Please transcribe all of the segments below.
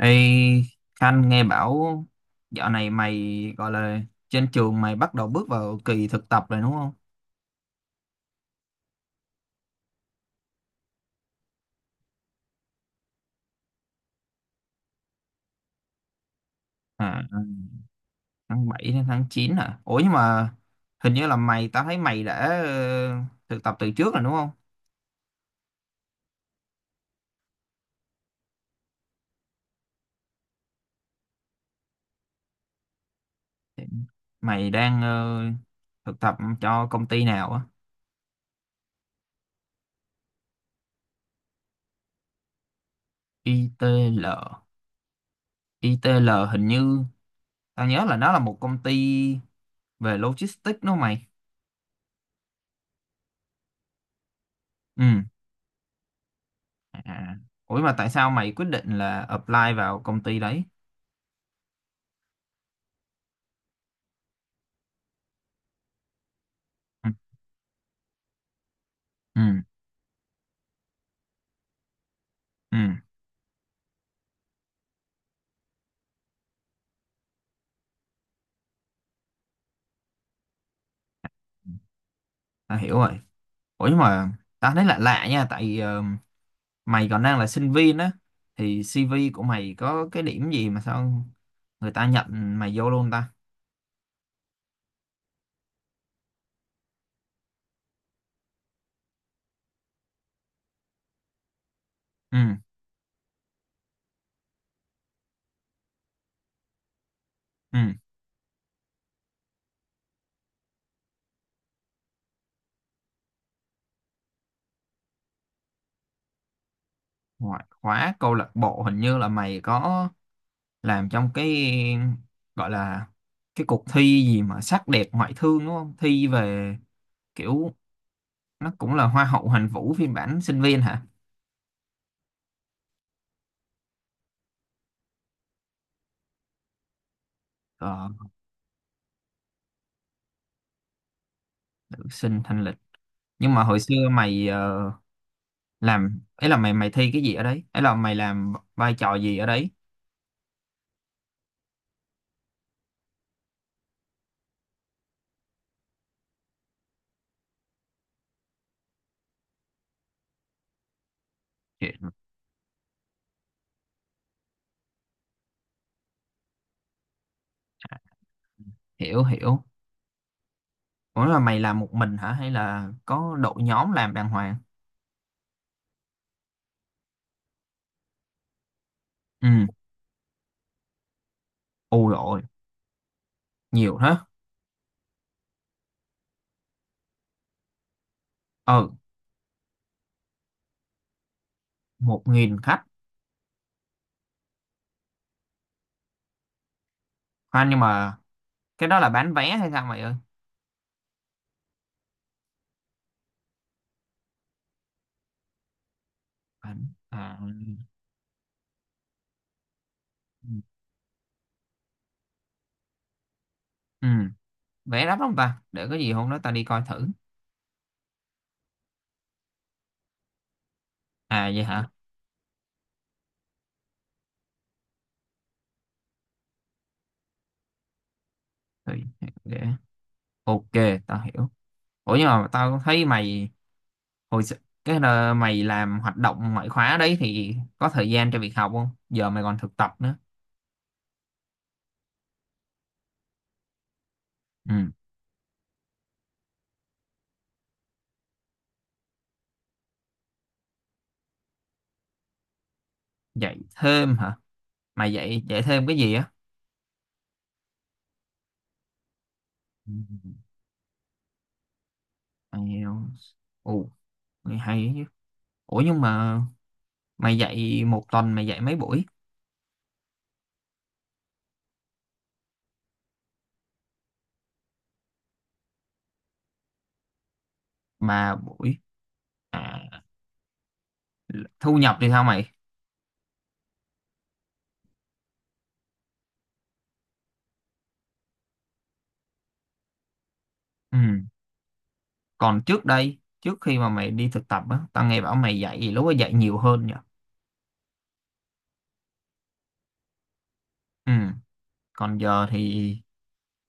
Ê, Khanh nghe bảo dạo này mày gọi là trên trường mày bắt đầu bước vào kỳ thực tập rồi đúng không? À, ừ, tháng 7 đến tháng 9 à? Ủa nhưng mà hình như là mày, tao thấy mày đã thực tập từ trước rồi đúng không? Thì mày đang thực tập cho công ty nào á? ITL. ITL hình như tao nhớ là nó là một công ty về logistics đúng không mày? Ừ. À. Ủa mà tại sao mày quyết định là apply vào công ty đấy? Ừ. Ừ. Ừ. Ta hiểu rồi. Ủa nhưng mà ta thấy lạ lạ nha, tại mày còn đang là sinh viên á, thì CV của mày có cái điểm gì mà sao người ta nhận mày vô luôn ta. Ừ. Ừ. Ngoại khóa câu lạc bộ hình như là mày có làm trong cái gọi là cái cuộc thi gì mà sắc đẹp ngoại thương đúng không, thi về kiểu nó cũng là hoa hậu hoàn vũ phiên bản sinh viên hả? Ờ, nữ sinh thanh lịch. Nhưng mà hồi xưa mày làm ấy là mày mày thi cái gì ở đấy, ấy là mày làm vai trò gì ở đấy? Chuyện- Hiểu hiểu. Ủa là mày làm một mình hả hay là có đội nhóm làm đàng hoàng? Ừ. Ù rồi, nhiều thế. Ừ, một nghìn khách. Khoan nhưng mà cái đó là bán vé hay sao mày ơi? Bán à. Ừ. Ừ, vé đắt không ta, để có gì hôm đó tao đi coi thử. À vậy hả? Thì để, ok, tao hiểu. Ủa nhưng mà tao thấy mày hồi s- cái là mày làm hoạt động ngoại khóa đấy thì có thời gian cho việc học không, giờ mày còn thực tập nữa. Ừ. Dạy thêm hả? Mày dạy dạy thêm cái gì á? Ừ. Mày, ồ, mày hay ấy chứ. Ủa nhưng mà mày dạy một tuần mày dạy mấy buổi? Ba buổi à. Thu nhập thì sao mày? Ừ. Còn trước đây, trước khi mà mày đi thực tập á, tao nghe bảo mày dạy lúc đó dạy nhiều hơn nhỉ. Ừ. Còn giờ thì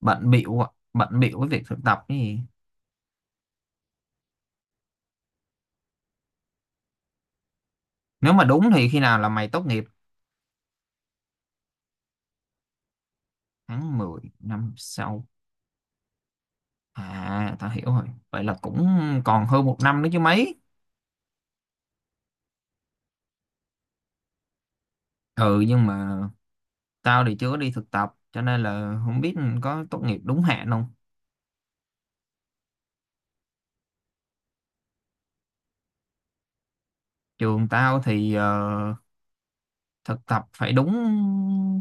bận bịu ạ, bận bịu với việc thực tập ấy. Nếu mà đúng thì khi nào là mày tốt nghiệp? Tháng 10 năm sau. À tao hiểu rồi. Vậy là cũng còn hơn một năm nữa chứ mấy. Ừ nhưng mà tao thì chưa có đi thực tập, cho nên là không biết có tốt nghiệp đúng hạn không. Trường tao thì thực tập phải đúng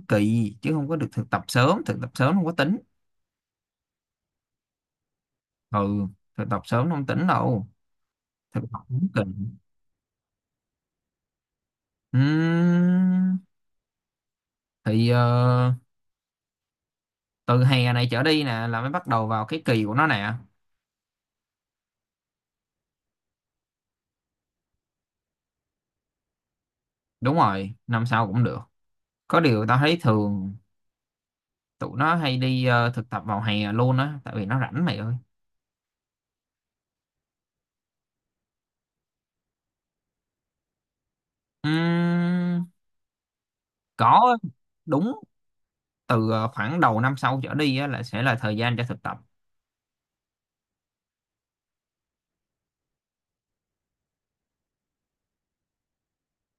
kỳ chứ không có được thực tập sớm, thực tập sớm không có tính. Ừ, thực tập sớm không tính đâu. Thực tập đúng kỳ. Ừm, thì từ hè này trở đi nè là mới bắt đầu vào cái kỳ của nó nè. Đúng rồi, năm sau cũng được. Có điều tao thấy thường tụi nó hay đi thực tập vào hè luôn á, tại vì nó rảnh mày ơi. Ừm, có. Đúng, từ khoảng đầu năm sau trở đi á là sẽ là thời gian cho thực tập.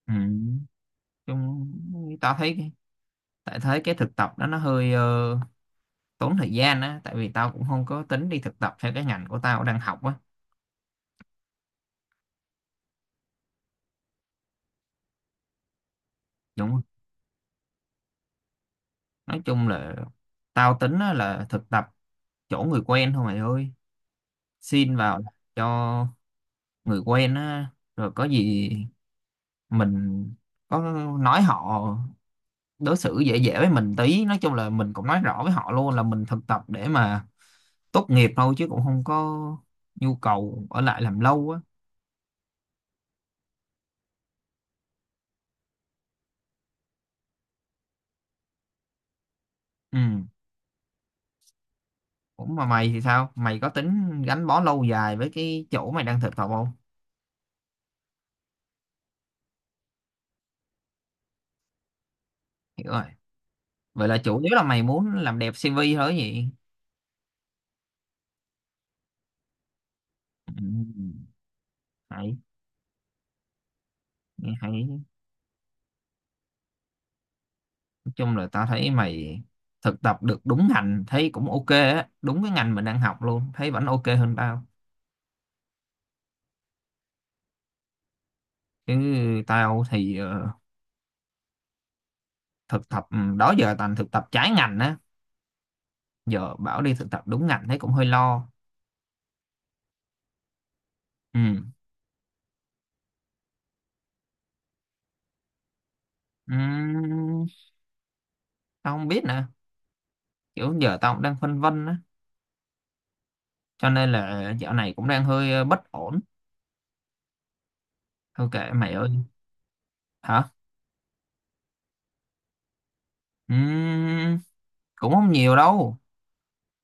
Ừm, chung tao thấy tại thấy cái thực tập đó nó hơi tốn thời gian á, tại vì tao cũng không có tính đi thực tập theo cái ngành của tao đang học á. Đúng không? Nói chung là tao tính á, là thực tập chỗ người quen thôi mày ơi. Xin vào cho người quen á, rồi có gì mình có nói họ đối xử dễ dễ với mình tí, nói chung là mình cũng nói rõ với họ luôn là mình thực tập để mà tốt nghiệp thôi chứ cũng không có nhu cầu ở lại làm lâu á. Ừ, cũng mà mày thì sao, mày có tính gắn bó lâu dài với cái chỗ mày đang thực tập không? Hiểu rồi. Vậy là chủ yếu là mày muốn làm đẹp CV thôi gì? Ừ. Hay, nghe hay, chung là tao thấy mày thực tập được đúng ngành thấy cũng ok á, đúng cái ngành mình đang học luôn, thấy vẫn ok hơn tao. Chứ tao thì thực tập đó giờ toàn thực tập trái ngành á, giờ bảo đi thực tập đúng ngành thấy cũng hơi lo. Ừ. Ừm, Tao không biết nè, kiểu giờ tao cũng đang phân vân á, cho nên là dạo này cũng đang hơi bất ổn. Thôi kệ mày ơi. Hả? Ừm, Cũng không nhiều đâu,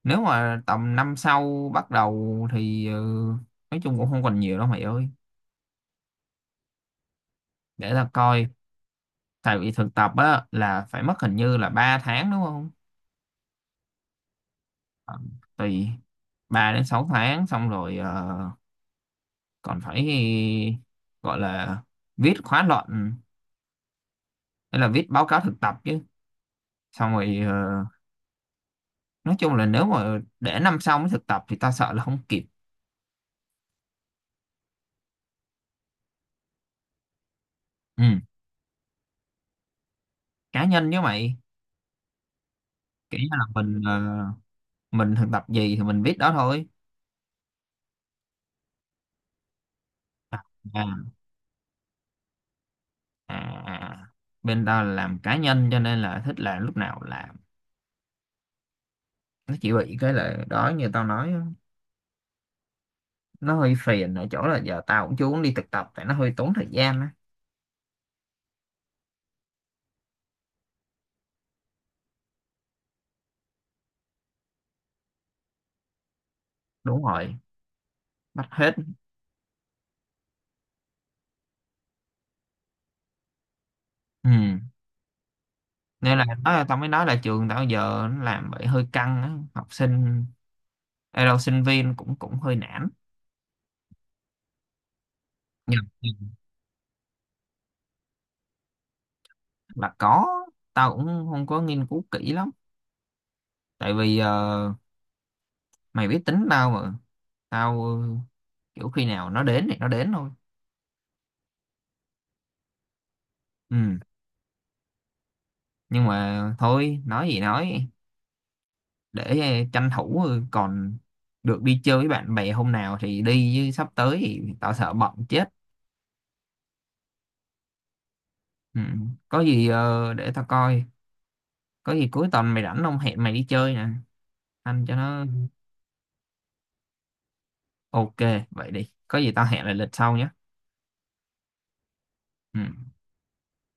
nếu mà tầm năm sau bắt đầu thì nói chung cũng không còn nhiều đâu mày ơi, để ta coi. Tại vì thực tập á là phải mất hình như là 3 tháng đúng không. Ờ, tùy. 3 đến 6 tháng xong rồi còn phải gọi là viết khóa luận hay là viết báo cáo thực tập chứ, xong rồi nói chung là nếu mà để năm sau mới thực tập thì ta sợ là không kịp. Ừ. Cá nhân với mày. Kiểu như là mình thực tập gì thì mình viết đó thôi. À, à, à. Bên tao là làm cá nhân cho nên là thích là lúc nào là, nó chỉ bị cái là đó như tao nói á, nó hơi phiền ở chỗ là giờ tao cũng chưa muốn đi thực tập tại nó hơi tốn thời gian á. Đúng rồi, bắt hết. Ừ nên là đó, tao mới nói là trường tao giờ nó làm vậy hơi căng á học sinh, ê đâu sinh viên cũng cũng hơi nản. Nhưng là có, tao cũng không có nghiên cứu kỹ lắm, tại vì mày biết tính tao mà. Tao kiểu khi nào nó đến thì nó đến thôi. Ừ nhưng mà thôi nói gì nói, để tranh thủ còn được đi chơi với bạn bè hôm nào thì đi chứ sắp tới thì tao sợ bận chết. Ừ. Có gì để tao coi, có gì cuối tuần mày rảnh không, hẹn mày đi chơi nè. Anh cho nó, ok. Vậy đi, có gì tao hẹn lại lịch sau nhé. Ừ.